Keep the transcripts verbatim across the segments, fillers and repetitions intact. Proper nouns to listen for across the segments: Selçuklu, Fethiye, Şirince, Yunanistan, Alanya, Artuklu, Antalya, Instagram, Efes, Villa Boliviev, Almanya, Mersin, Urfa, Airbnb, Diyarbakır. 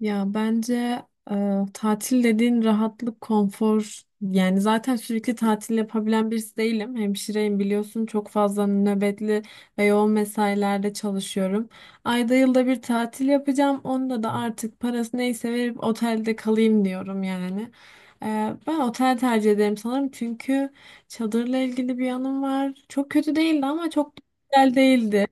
Ya bence e, tatil dediğin rahatlık, konfor yani zaten sürekli tatil yapabilen birisi değilim. Hemşireyim biliyorsun, çok fazla nöbetli ve yoğun mesailerde çalışıyorum. Ayda yılda bir tatil yapacağım. Onda da artık parası neyse verip otelde kalayım diyorum yani. E, ben otel tercih ederim sanırım çünkü çadırla ilgili bir yanım var. Çok kötü değildi ama çok da güzel değildi.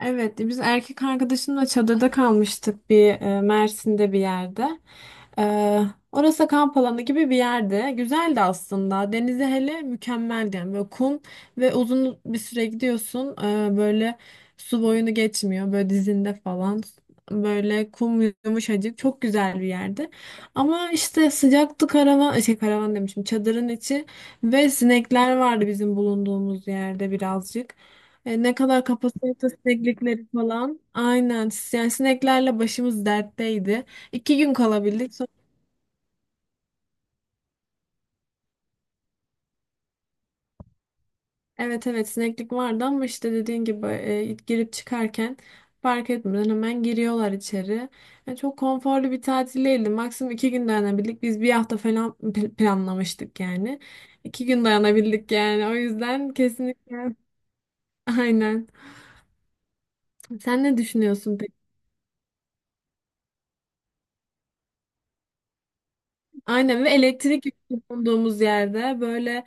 Evet, biz erkek arkadaşımla çadırda kalmıştık bir e, Mersin'de bir yerde. E, orası kamp alanı gibi bir yerde. Güzeldi aslında. Denizi hele mükemmeldi. Yani böyle kum ve uzun bir süre gidiyorsun. E, böyle su boyunu geçmiyor. Böyle dizinde falan. Böyle kum yumuşacık. Çok güzel bir yerdi. Ama işte sıcaktı karavan. Şey, karavan demişim. Çadırın içi ve sinekler vardı bizim bulunduğumuz yerde birazcık. E, ne kadar kapasitesi sineklikleri falan. Aynen. Yani sineklerle başımız dertteydi. İki gün kalabildik. Sonra- evet, evet, sineklik vardı ama işte dediğin gibi e, girip çıkarken fark etmeden hemen giriyorlar içeri. E, çok konforlu bir tatil değildi. Maksimum iki gün dayanabildik. Biz bir hafta falan pl- planlamıştık yani. İki gün dayanabildik yani. O yüzden kesinlikle. Aynen. Sen ne düşünüyorsun peki? Aynen, ve elektrik yok bulunduğumuz yerde, böyle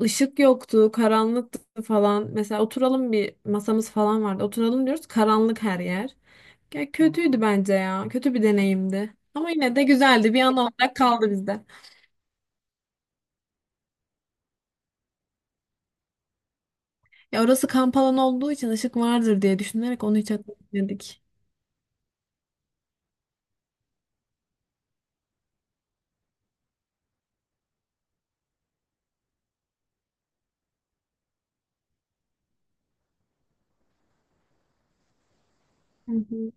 Işık yoktu, karanlıktı falan. Mesela oturalım, bir masamız falan vardı. Oturalım diyoruz, karanlık her yer. Ya kötüydü bence ya. Kötü bir deneyimdi. Ama yine de güzeldi. Bir an olarak kaldı bizde. Ya orası kamp alanı olduğu için ışık vardır diye düşünerek onu hiç hatırlamadık. Hı hı.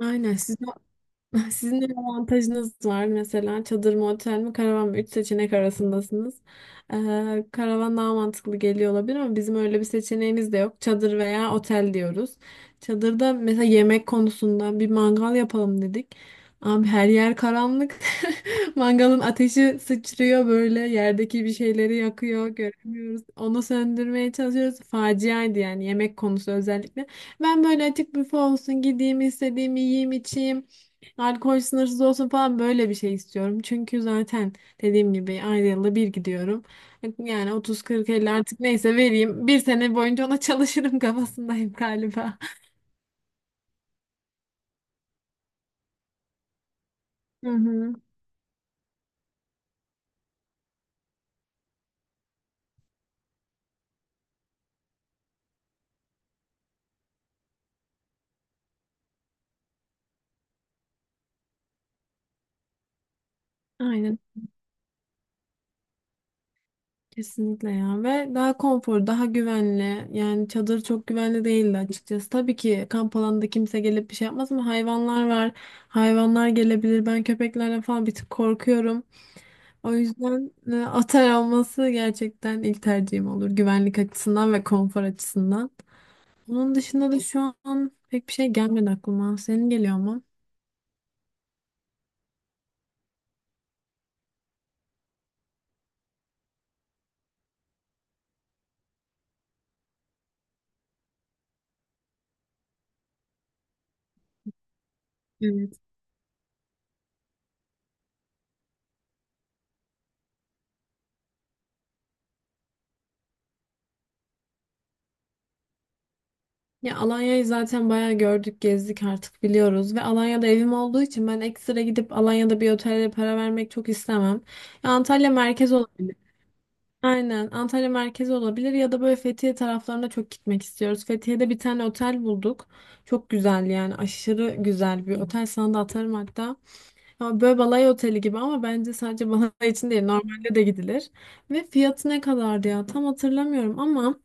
Aynen. Siz. Sizin de bir avantajınız var mesela, çadır mı, otel mi, karavan mı? Üç seçenek arasındasınız. Ee, karavan daha mantıklı geliyor olabilir ama bizim öyle bir seçeneğimiz de yok. Çadır veya otel diyoruz. Çadırda mesela yemek konusunda bir mangal yapalım dedik. Abi her yer karanlık. Mangalın ateşi sıçrıyor böyle, yerdeki bir şeyleri yakıyor, göremiyoruz. Onu söndürmeye çalışıyoruz. Faciaydı yani, yemek konusu özellikle. Ben böyle açık büfe olsun, gideyim istediğimi yiyeyim içeyim. Alkol sınırsız olsun falan, böyle bir şey istiyorum. Çünkü zaten dediğim gibi aynı yılda bir gidiyorum. Yani otuz kırk-elli artık neyse vereyim. Bir sene boyunca ona çalışırım kafasındayım galiba. Hı hı. Aynen, kesinlikle ya. Ve daha konfor, daha güvenli yani. Çadır çok güvenli değildi açıkçası. Tabii ki kamp alanında kimse gelip bir şey yapmaz ama hayvanlar var, hayvanlar gelebilir. Ben köpeklerden falan bir tık korkuyorum. O yüzden e, atar olması gerçekten ilk tercihim olur. Güvenlik açısından ve konfor açısından. Onun dışında da şu an pek bir şey gelmedi aklıma. Senin geliyor mu? Evet. Ya Alanya'yı zaten bayağı gördük, gezdik, artık biliyoruz. Ve Alanya'da evim olduğu için ben ekstra gidip Alanya'da bir otele para vermek çok istemem. Ya Antalya merkez olabilir. Aynen, Antalya merkez olabilir ya da böyle Fethiye taraflarına çok gitmek istiyoruz. Fethiye'de bir tane otel bulduk. Çok güzel, yani aşırı güzel bir otel. Sana da atarım hatta. Ha, Böyle balay oteli gibi ama bence sadece balay için değil, normalde de gidilir. Ve fiyatı ne kadardı ya, tam hatırlamıyorum ama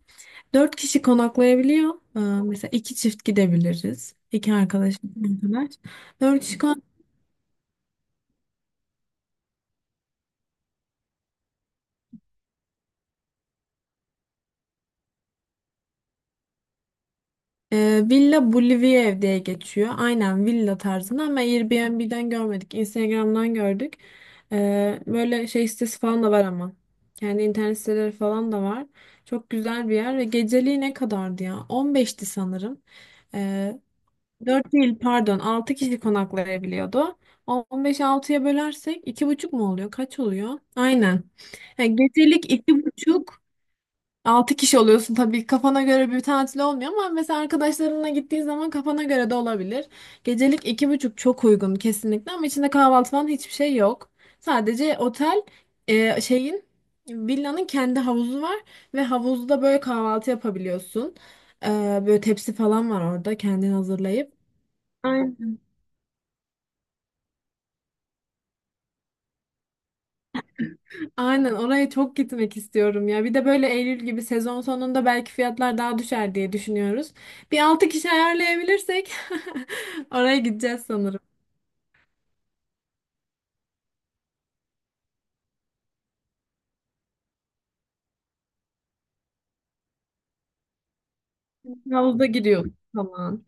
dört kişi konaklayabiliyor. Ee, mesela iki çift gidebiliriz. İki arkadaş, iki arkadaş. Dört kişi kon Ee, Villa Boliviev diye geçiyor. Aynen, villa tarzında ama Airbnb'den görmedik, Instagram'dan gördük. Ee, böyle şey sitesi falan da var ama. Kendi internet siteleri falan da var. Çok güzel bir yer. Ve geceliği ne kadardı ya? on beşti sanırım. Ee, Dört değil, pardon, altı kişi konaklayabiliyordu. on beş altıya bölersek iki buçuk mu oluyor? Kaç oluyor? Aynen. Yani gecelik iki buçuk, altı kişi oluyorsun, tabii kafana göre bir tatil olmuyor ama mesela arkadaşlarınla gittiğin zaman kafana göre de olabilir. Gecelik iki buçuk çok uygun kesinlikle ama içinde kahvaltı falan hiçbir şey yok. Sadece otel e, şeyin, villanın kendi havuzu var ve havuzda böyle kahvaltı yapabiliyorsun. E, böyle tepsi falan var orada, kendin hazırlayıp. Aynen, oraya çok gitmek istiyorum ya. Bir de böyle Eylül gibi sezon sonunda belki fiyatlar daha düşer diye düşünüyoruz. Bir altı kişi ayarlayabilirsek oraya gideceğiz sanırım. Havuza giriyoruz falan.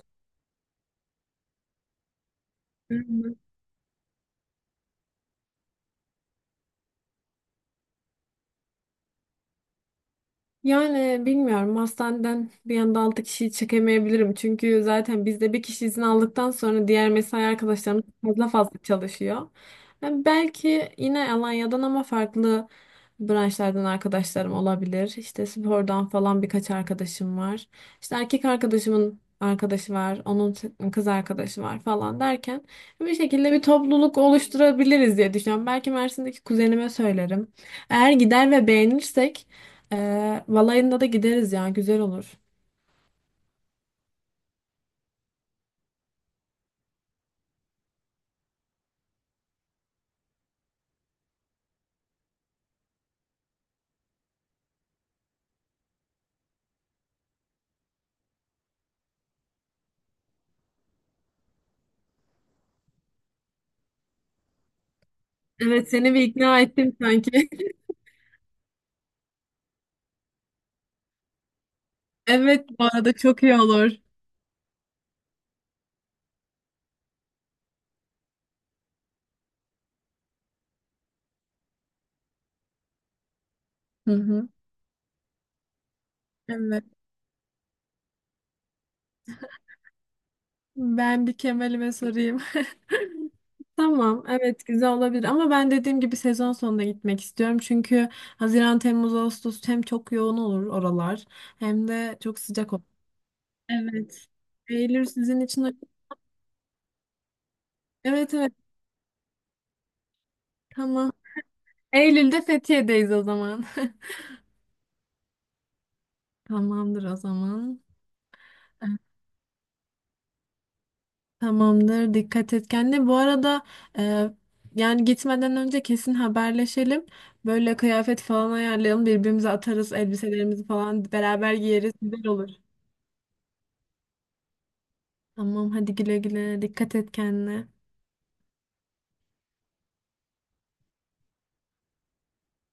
Yani bilmiyorum, hastaneden bir anda altı kişiyi çekemeyebilirim. Çünkü zaten bizde bir kişi izin aldıktan sonra diğer mesai arkadaşlarımız fazla fazla çalışıyor. Yani belki yine Alanya'dan ama farklı branşlardan arkadaşlarım olabilir. İşte spordan falan birkaç arkadaşım var. İşte erkek arkadaşımın arkadaşı var, onun t- kız arkadaşı var falan derken bir şekilde bir topluluk oluşturabiliriz diye düşünüyorum. Belki Mersin'deki kuzenime söylerim. Eğer gider ve beğenirsek ee, Valayında da gideriz ya, güzel olur. Evet, seni bir ikna ettim sanki. Evet, bu arada çok iyi olur. Hı hı. Evet. Ben bir Kemal'ime sorayım. Tamam, evet güzel olabilir ama ben dediğim gibi sezon sonunda gitmek istiyorum. Çünkü Haziran, Temmuz, Ağustos hem çok yoğun olur oralar hem de çok sıcak olur. Evet. Eylül sizin için. Evet, evet, tamam. Eylül'de Fethiye'deyiz o zaman. Tamamdır o zaman. Tamamdır. Dikkat et kendine. Bu arada e, yani gitmeden önce kesin haberleşelim. Böyle kıyafet falan ayarlayalım. Birbirimize atarız. Elbiselerimizi falan beraber giyeriz. Güzel olur. Tamam, hadi güle güle. Dikkat et kendine.